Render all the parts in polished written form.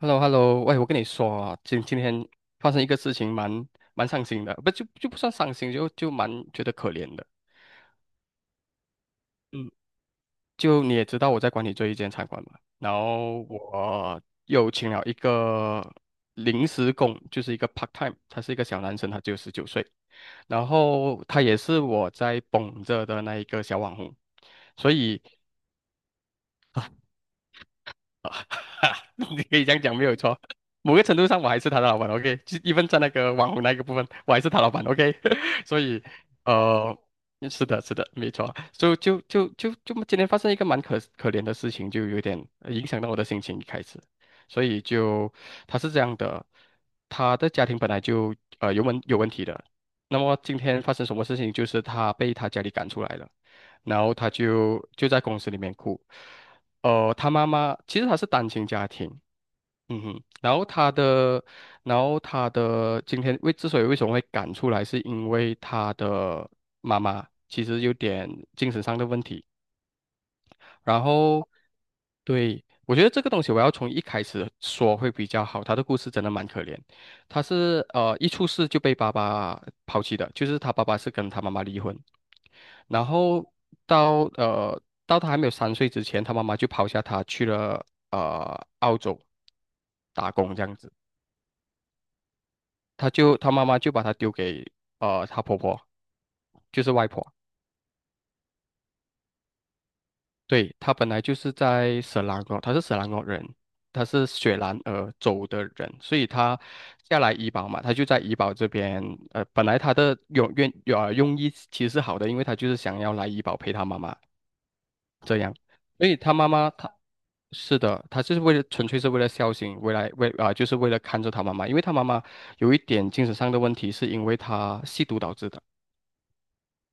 h e l l o h e l l o 喂，我跟你说啊，今天发生一个事情蛮，蛮伤心的，不不算伤心，就蛮觉得可怜的。嗯，就你也知道我在管理这一间餐馆嘛，然后我又请了一个临时工，就是一个 part time，他是一个小男生，他只有十九岁，然后他也是我在捧着的那一个小网红，所以。你可以这样讲没有错。某个程度上，我还是他的老板，OK，就一分在那个网红那个部分，我还是他老板，OK。所以，呃，是的，是的，没错。所以就今天发生一个蛮可怜的事情，就有点影响到我的心情一开始。所以就他是这样的，他的家庭本来就有问题的，那么今天发生什么事情，就是他被他家里赶出来了，然后他就在公司里面哭。呃，他妈妈其实他是单亲家庭，嗯哼，然后他的，然后他的今天为之所以为什么会赶出来，是因为他的妈妈其实有点精神上的问题。然后，对，我觉得这个东西我要从一开始说会比较好。他的故事真的蛮可怜，他是一出世就被爸爸抛弃的，就是他爸爸是跟他妈妈离婚，然后到他还没有三岁之前，他妈妈就抛下他去了澳洲打工这样子，他妈妈就把他丢给他婆婆，就是外婆。对，他本来就是在色兰诺，他是色兰诺人，他是雪兰莪州的人，所以他下来怡保嘛，他就在怡保这边。呃，本来他的用愿有呃用意其实是好的，因为他就是想要来怡保陪他妈妈这样，所以他妈妈他是的，他就是纯粹是为了孝心，为来为啊、就是为了看着他妈妈，因为他妈妈有一点精神上的问题，是因为他吸毒导致的，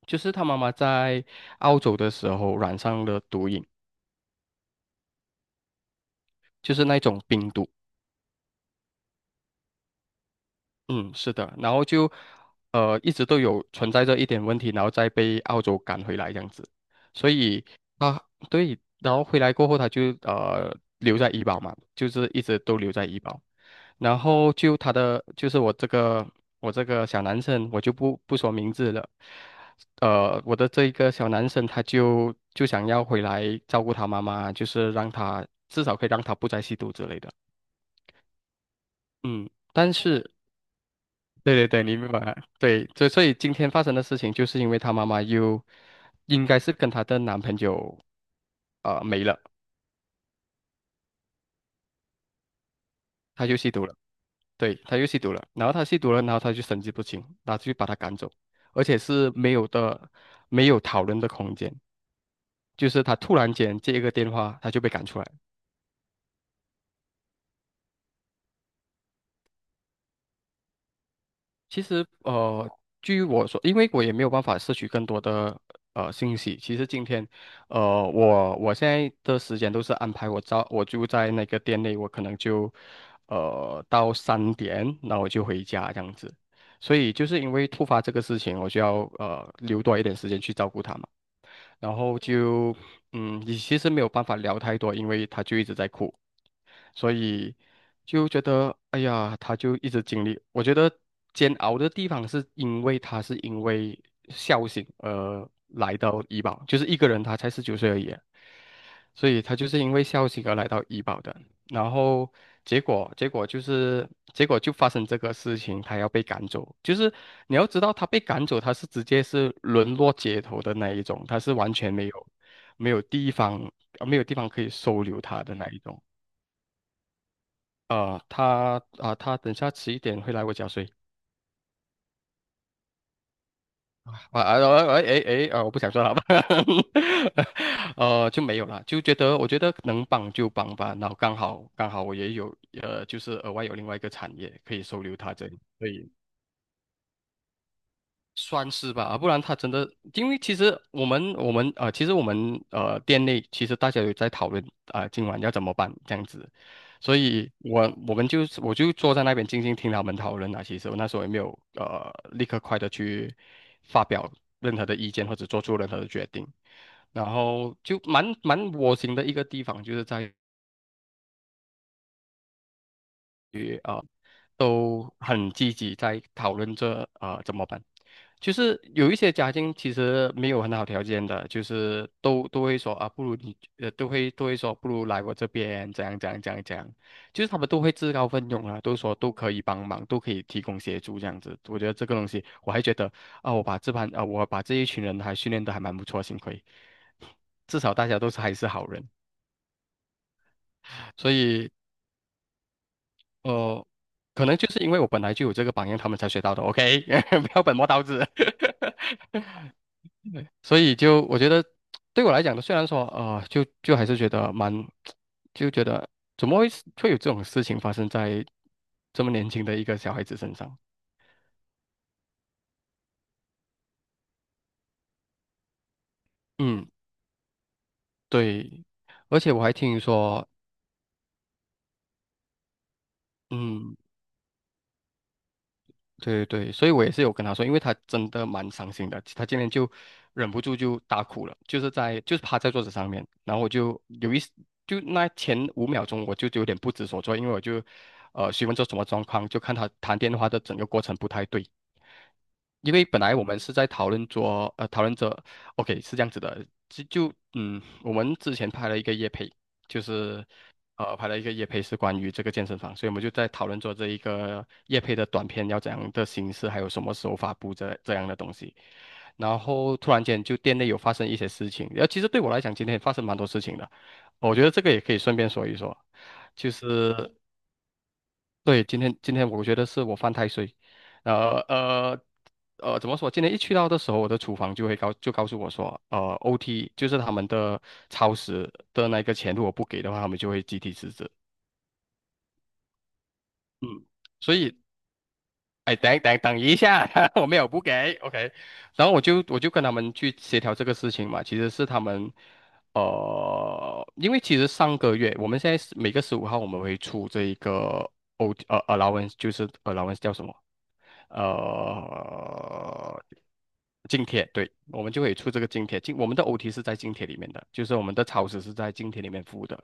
就是他妈妈在澳洲的时候染上了毒瘾。就是那种冰毒，嗯，是的，然后就一直都有存在着一点问题，然后再被澳洲赶回来这样子，所以他对，然后回来过后他就留在医保嘛，就是一直都留在医保，然后就他的就是我这个小男生，我就不说名字了，呃，我的这一个小男生他就想要回来照顾他妈妈，就是让他至少可以让他不再吸毒之类的。嗯，但是对对对，你明白。对，所以今天发生的事情，就是因为她妈妈又应该是跟她的男朋友没了，她就吸毒了。对，她又吸毒了，然后她吸毒了，然后她就神志不清，然后就把她赶走，而且是没有的，没有讨论的空间，就是她突然间接一个电话，她就被赶出来。其实据我说，因为我也没有办法摄取更多的信息。其实今天，呃，我现在的时间都是安排我早，我就在那个店内，我可能就到三点，那我就回家这样子。所以就是因为突发这个事情，我就要留多一点时间去照顾他嘛。然后就嗯，你其实没有办法聊太多，因为他就一直在哭，所以就觉得哎呀，他就一直经历，我觉得煎熬的地方是因为他是因为孝心而来到医保，就是一个人他才十九岁而已啊，所以他就是因为孝心而来到医保的。然后结果结果就是结果就发生这个事情，他要被赶走。就是你要知道，他被赶走，他是直接是沦落街头的那一种，他是完全没有没有地方呃没有地方可以收留他的那一种。呃，他啊、他等下迟一点会来我家睡啊啊啊哎哎哎啊！我不想说了吧，呃，就没有了，就觉得我觉得能帮就帮吧，然后刚好我也有呃，就是额外有另外一个产业可以收留他这里，所以算是吧，啊不然他真的，因为其实我们店内其实大家有在讨论啊、今晚要怎么办这样子，所以我就坐在那边静静听他们讨论啊。其实我那时候也没有立刻快的去发表任何的意见或者做出任何的决定，然后就蛮窝心的一个地方就是在于。呃都很积极在讨论这怎么办。就是有一些家庭其实没有很好条件的，就是都会说啊，不如你都会说不如来我这边怎样怎样怎样怎样，就是他们都会自告奋勇啊，都说都可以帮忙，都可以提供协助这样子。我觉得这个东西我还觉得啊，我把这一群人还训练得还蛮不错，幸亏至少大家都是还是好人。所以。呃，可能就是因为我本来就有这个榜样，他们才学到的。OK，不要本末倒置。所以就我觉得，对我来讲呢，虽然说呃，就还是觉得蛮，就觉得怎么会有这种事情发生在这么年轻的一个小孩子身上？嗯，对。而且我还听说，嗯，对对，所以我也是有跟他说，因为他真的蛮伤心的，他今天就忍不住就大哭了，就是在就是趴在桌子上面，然后我就有一就那前五秒钟我就有点不知所措，因为我就询问这什么状况，就看他谈电话的整个过程不太对，因为本来我们是在讨论着，OK 是这样子的，就嗯我们之前拍了一个夜配，就是。拍了一个夜配，是关于这个健身房，所以我们就在讨论做这一个夜配的短片要怎样的形式，还有什么时候发布这样的东西。然后突然间就店内有发生一些事情，然后其实对我来讲，今天也发生蛮多事情的，我觉得这个也可以顺便说一说，就是对今天我觉得是我犯太岁，呃呃。呃，怎么说？今天一去到的时候，我的厨房就告诉我说，呃，OT 就是他们的超时的那个钱，如果不给的话，他们就会集体辞职。所以哎，等一下，我没有不给，OK，然后我就跟他们去协调这个事情嘛，其实是他们，呃，因为其实上个月我们现在是每个十五号我们会出这一个 allowance，就是 allowance 叫什么？呃，津贴，对，我们就可以出这个津贴。津，我们的 OT 是在津贴里面的，就是我们的超时是在津贴里面付的。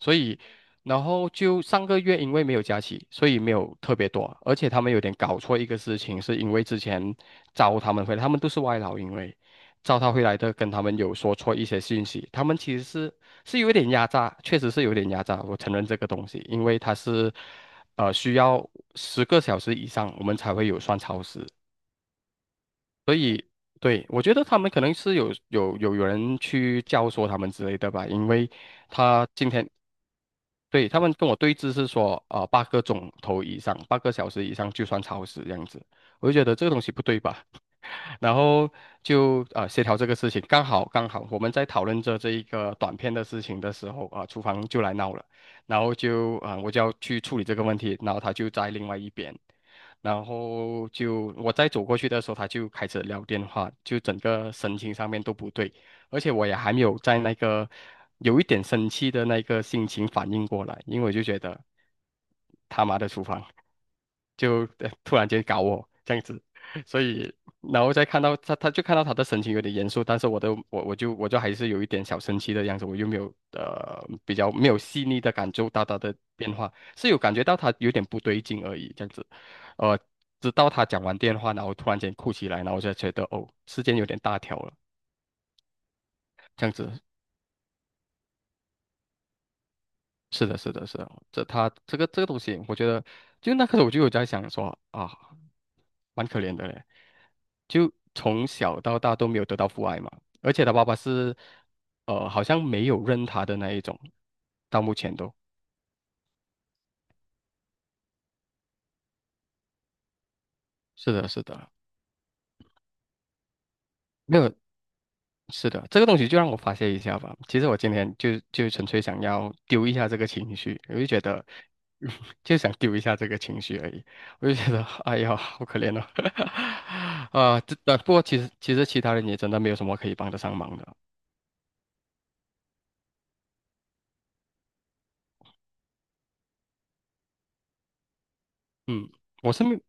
所以，然后就上个月因为没有假期，所以没有特别多，而且他们有点搞错一个事情，是因为之前招他们回来，他们都是外劳，因为招他回来的跟他们有说错一些信息，他们其实是有点压榨，确实是有点压榨，我承认这个东西，因为他是需要10个小时以上我们才会有算超时，对，我觉得他们可能是有人去教唆他们之类的吧，因为他今天对他们跟我对峙是说，啊、8个钟头以上，8个小时以上就算超时这样子，我就觉得这个东西不对吧，然后就协调这个事情，刚好我们在讨论着这一个短片的事情的时候啊、厨房就来闹了，然后就啊、我就要去处理这个问题，然后他就在另外一边。然后就我再走过去的时候，他就开始聊电话，就整个神情上面都不对，而且我也还没有在那个有一点生气的那个心情反应过来，因为我就觉得他妈的厨房就突然间搞我这样子，所以然后再看到他，他就看到他的神情有点严肃，但是我都我我就我就还是有一点小生气的样子，我又没有呃比较没有细腻的感受到他的变化，是有感觉到他有点不对劲而已，这样子。呃，直到他讲完电话，然后突然间哭起来，然后我就觉得哦，时间有点大条了，这样子。是的，是的，是的，这个东西，我觉得就那刻我就有在想说啊，蛮可怜的嘞，就从小到大都没有得到父爱嘛，而且他爸爸是好像没有认他的那一种，到目前都是的，是的，没有是的，这个东西就让我发泄一下吧。其实我今天就纯粹想要丢一下这个情绪，我就觉得，就想丢一下这个情绪而已。我就觉得，哎呀，好可怜哦。啊，这啊，不过其实其他人也真的没有什么可以帮得上忙的。嗯，我是没，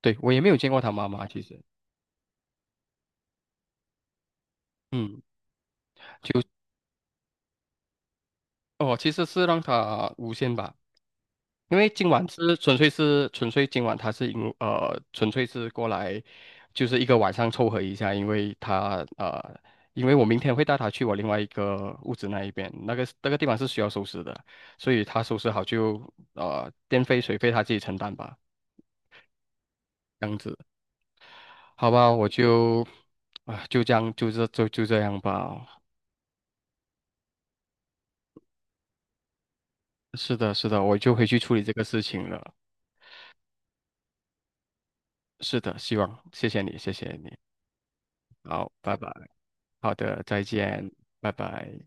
对，我也没有见过他妈妈，其实，嗯，就哦，其实是让他无限吧。因为今晚是纯粹今晚他是因呃纯粹是过来，就是一个晚上凑合一下，因为因为我明天会带他去我另外一个屋子那一边，那个地方是需要收拾的，所以他收拾好就电费水费他自己承担吧，这样子，好吧，我就啊、就这样吧，是的是的，我就回去处理这个事情了，是的，希望谢谢你谢谢你，好，拜拜，好的，再见，拜拜。